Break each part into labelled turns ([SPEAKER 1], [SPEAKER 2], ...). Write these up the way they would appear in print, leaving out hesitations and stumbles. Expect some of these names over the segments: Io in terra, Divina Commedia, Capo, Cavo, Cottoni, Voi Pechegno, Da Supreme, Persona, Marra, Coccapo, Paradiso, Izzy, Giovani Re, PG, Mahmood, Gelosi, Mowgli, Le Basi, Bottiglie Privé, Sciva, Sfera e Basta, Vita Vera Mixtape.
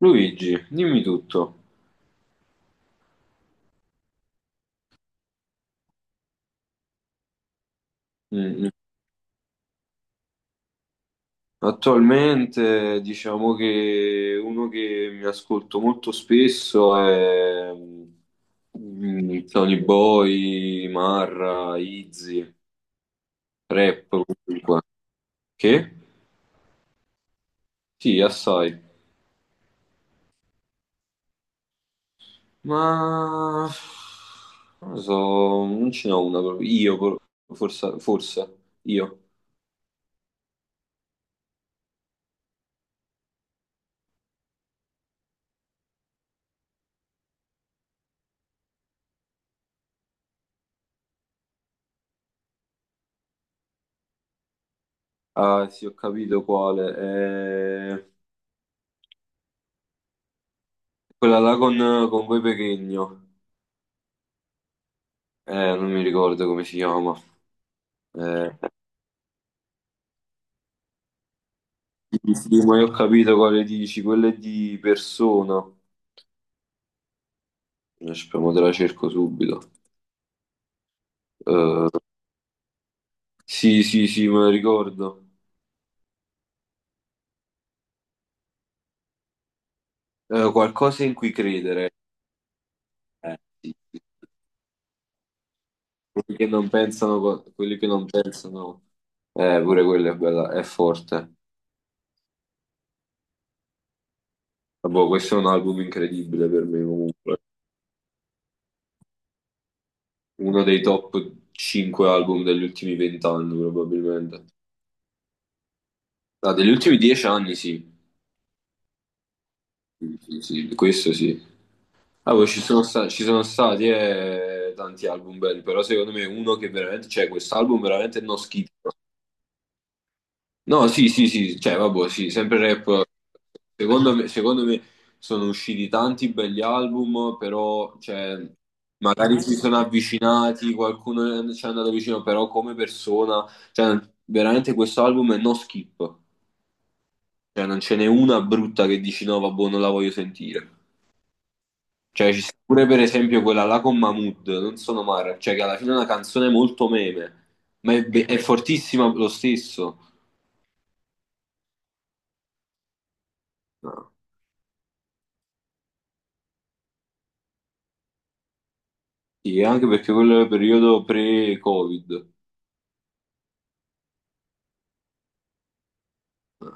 [SPEAKER 1] Luigi, dimmi tutto. Mm, mm. Attualmente diciamo che uno che mi ascolto molto spesso è Tony Boy, Marra, Izzy, rap comunque. Che? Sì, assai. Ma non lo so, non ce n'ho una proprio. Io, forse, forse, io. Ah, sì, ho capito quale. È quella là con Voi Pechegno. Non mi ricordo come si chiama. Eh, sì, sì, ma io ho capito quale dici, quella è di Persona. Speriamo te la cerco subito. Eh, sì, sì, sì, me la ricordo. Qualcosa in cui credere. Sì, sì. Quelli che non pensano, quelli che non pensano. Pure quella è bella, è forte. Vabbè, questo è un album incredibile per me comunque. Uno dei top 5 album degli ultimi 20 anni probabilmente. Ah, degli ultimi 10 anni sì. Sì, sì, questo sì. Ah, poi ci sono stati tanti album belli, però secondo me uno che veramente, cioè quest'album veramente non schifo. No, sì, sì, sì, cioè vabbè, sì, sempre rap. Secondo me sono usciti tanti belli album, però cioè, magari si sono avvicinati, qualcuno ci è andato vicino, però come persona, cioè, veramente questo album è no skip. Cioè, non ce n'è una brutta che dici no, vabbè, non la voglio sentire. Cioè, ci sta pure per esempio quella là con Mahmood, non sono Mara, cioè che alla fine è una canzone molto meme, ma è fortissima lo stesso. No. Sì, anche perché quello era il periodo pre-Covid.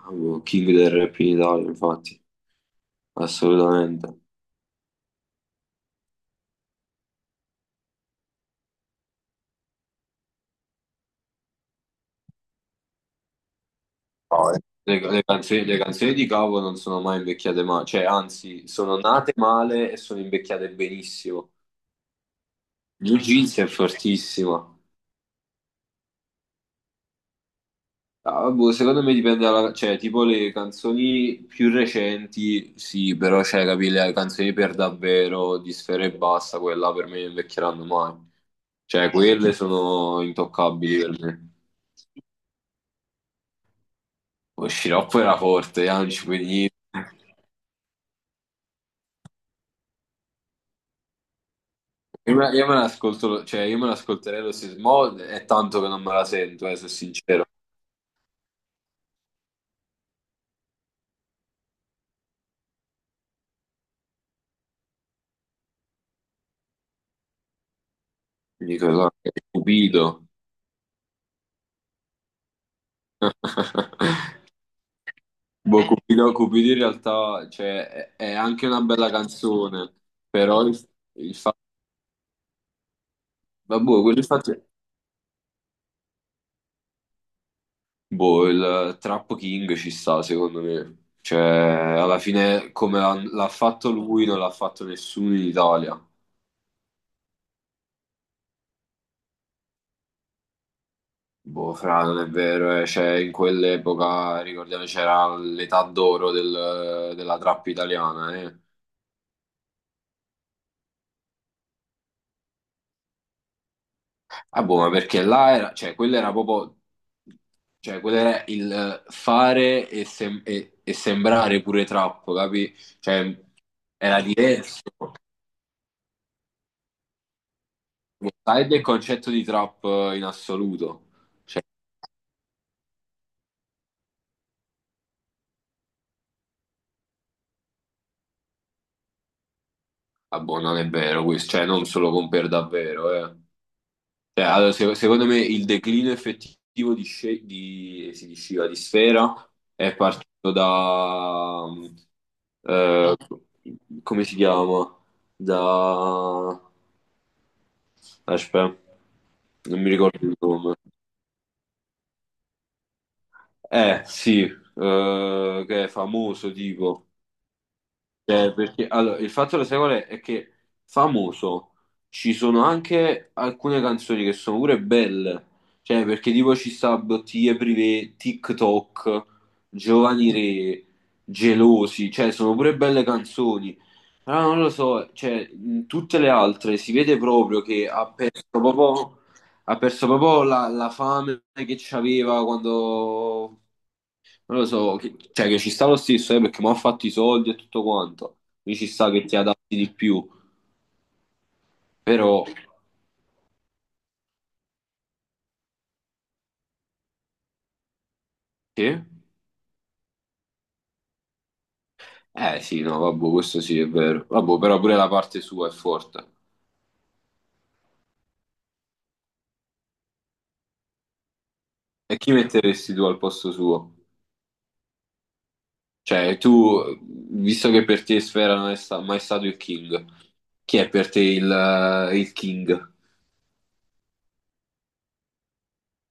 [SPEAKER 1] Avevo King del rap in Italia, infatti, assolutamente. No, eh. Le canzoni di Cavo non sono mai invecchiate male, cioè anzi, sono nate male e sono invecchiate benissimo. New Jeans è fortissima. Ah, boh, secondo me dipende dalla. Cioè, tipo le canzoni più recenti, sì, però, cioè, capì, le canzoni per davvero di Sfera e Basta, quella per me non invecchieranno mai. Cioè, quelle sono intoccabili per me. Lo sciroppo era forte, non ci puoi dire. Io me l'ascolto, cioè, io me l'ascolterei lo stesso, mo è tanto che non me la sento, sono sincero. Dico, guarda, è stupido. Boh, Cupido, Cupido in realtà cioè, è anche una bella canzone, però il fatto, boh, quello boh, il Trap King ci sta secondo me, cioè alla fine come l'ha fatto lui non l'ha fatto nessuno in Italia, boh, fra, non è vero, cioè in quell'epoca ricordiamo c'era l'età d'oro della trap italiana, eh. Ah, boh, ma perché là era, cioè, quello era proprio, cioè, quello era il fare e sembrare pure trap, capi? Cioè, era diverso. Sai del concetto di trap in assoluto? Cioè, ah, boh, non è vero questo, cioè, non se lo compare davvero, eh. Cioè, allora, secondo me il declino effettivo di, sce- di, sì, di Sciva, di Sfera è partito da. Eh, Come si chiama? Da. Aspetta, non mi ricordo il nome. Sì, che è famoso, tipo. Cioè, perché, allora, il fatto lo sai qual è? È che famoso ci sono anche alcune canzoni che sono pure belle, cioè perché tipo ci sta Bottiglie Privé, TikTok, Giovani Re, Gelosi, cioè sono pure belle canzoni, però non lo so, cioè in tutte le altre si vede proprio che ha perso proprio la fame che c'aveva quando non lo so, cioè che ci sta lo stesso, perché mi ha fatto i soldi e tutto quanto. Mi ci sta che ti adatti di più, però. Sì? Eh sì, no, vabbè, questo sì è vero. Vabbè, però pure la parte sua è forte. E chi metteresti tu al posto suo? Cioè, tu, visto che per te Sfera non è mai stato il King, chi è per te il King?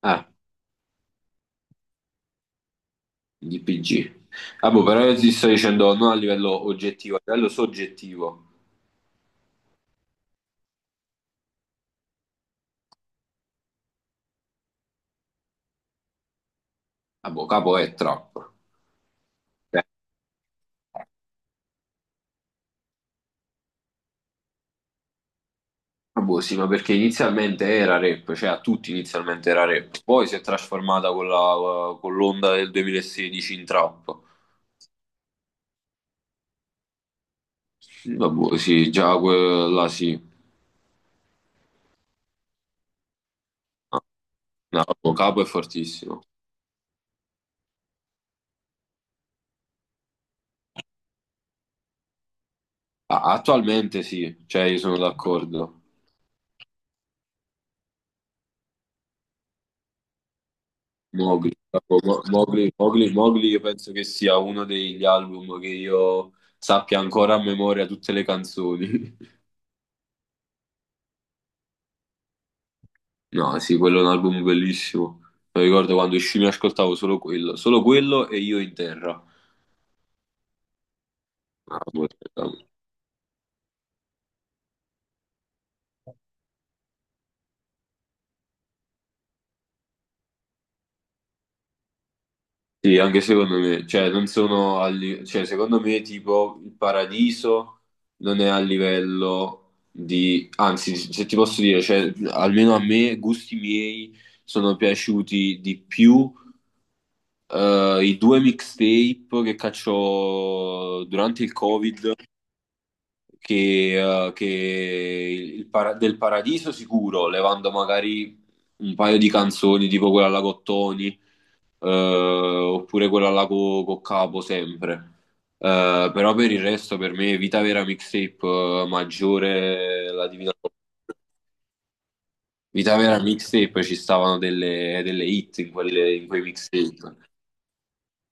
[SPEAKER 1] Ah, il PG. Ah, boh, però io ti sto dicendo non a livello oggettivo, a livello soggettivo. Ah, boh, capo è trap. Ah, boh, sì, ma perché inizialmente era rap, cioè a tutti inizialmente era rap, poi si è trasformata con l'onda del 2016 in trap. Vabbè, sì, già quella sì. No, no, Capo è fortissimo. Ah, attualmente sì, cioè io sono d'accordo. Mowgli, Capo, Mowgli, Mowgli, Mowgli io penso che sia uno degli album che io sappia ancora a memoria tutte le canzoni. No, sì, quello è un album bellissimo. Mi ricordo quando uscì mi ascoltavo solo quello e Io in terra. Ah, boh. Sì, anche secondo me, cioè non sono cioè secondo me tipo il Paradiso non è a livello di, anzi se ti posso dire, cioè almeno a me, gusti miei, sono piaciuti di più i due mixtape che cacciò durante il Covid che del Paradiso sicuro, levando magari un paio di canzoni tipo quella alla Cottoni, oppure quella alla Coccapo sempre. Però per il resto per me Vita Vera Mixtape maggiore la Divina Commedia. Vita Vera Mixtape ci stavano delle hit in quei mixtape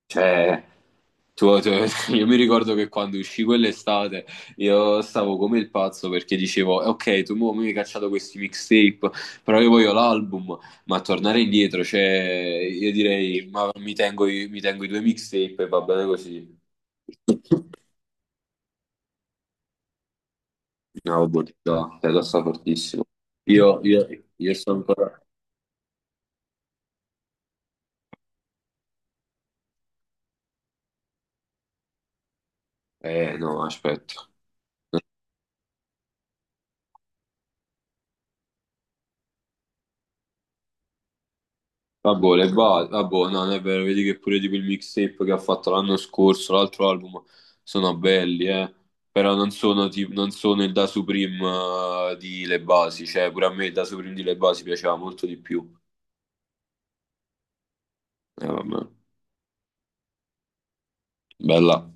[SPEAKER 1] cioè Tu- tu- io mi ricordo che quando uscì quell'estate io stavo come il pazzo perché dicevo, ok, tu mo mi hai cacciato questi mixtape, però io voglio l'album, ma tornare indietro, cioè, io direi, ma mi tengo, mi tengo i due mixtape e va bene così. No, bontà, è sta fortissimo. Io, io, io sto ancora. No, aspetta. Vabbè, vabbè, no, non è vero, vedi che pure di quel mixtape che ha fatto l'anno scorso, l'altro album, sono belli, eh. Però non sono il Da Supreme di Le Basi, cioè pure a me il Da Supreme di Le Basi piaceva molto di più. Vabbè, bella.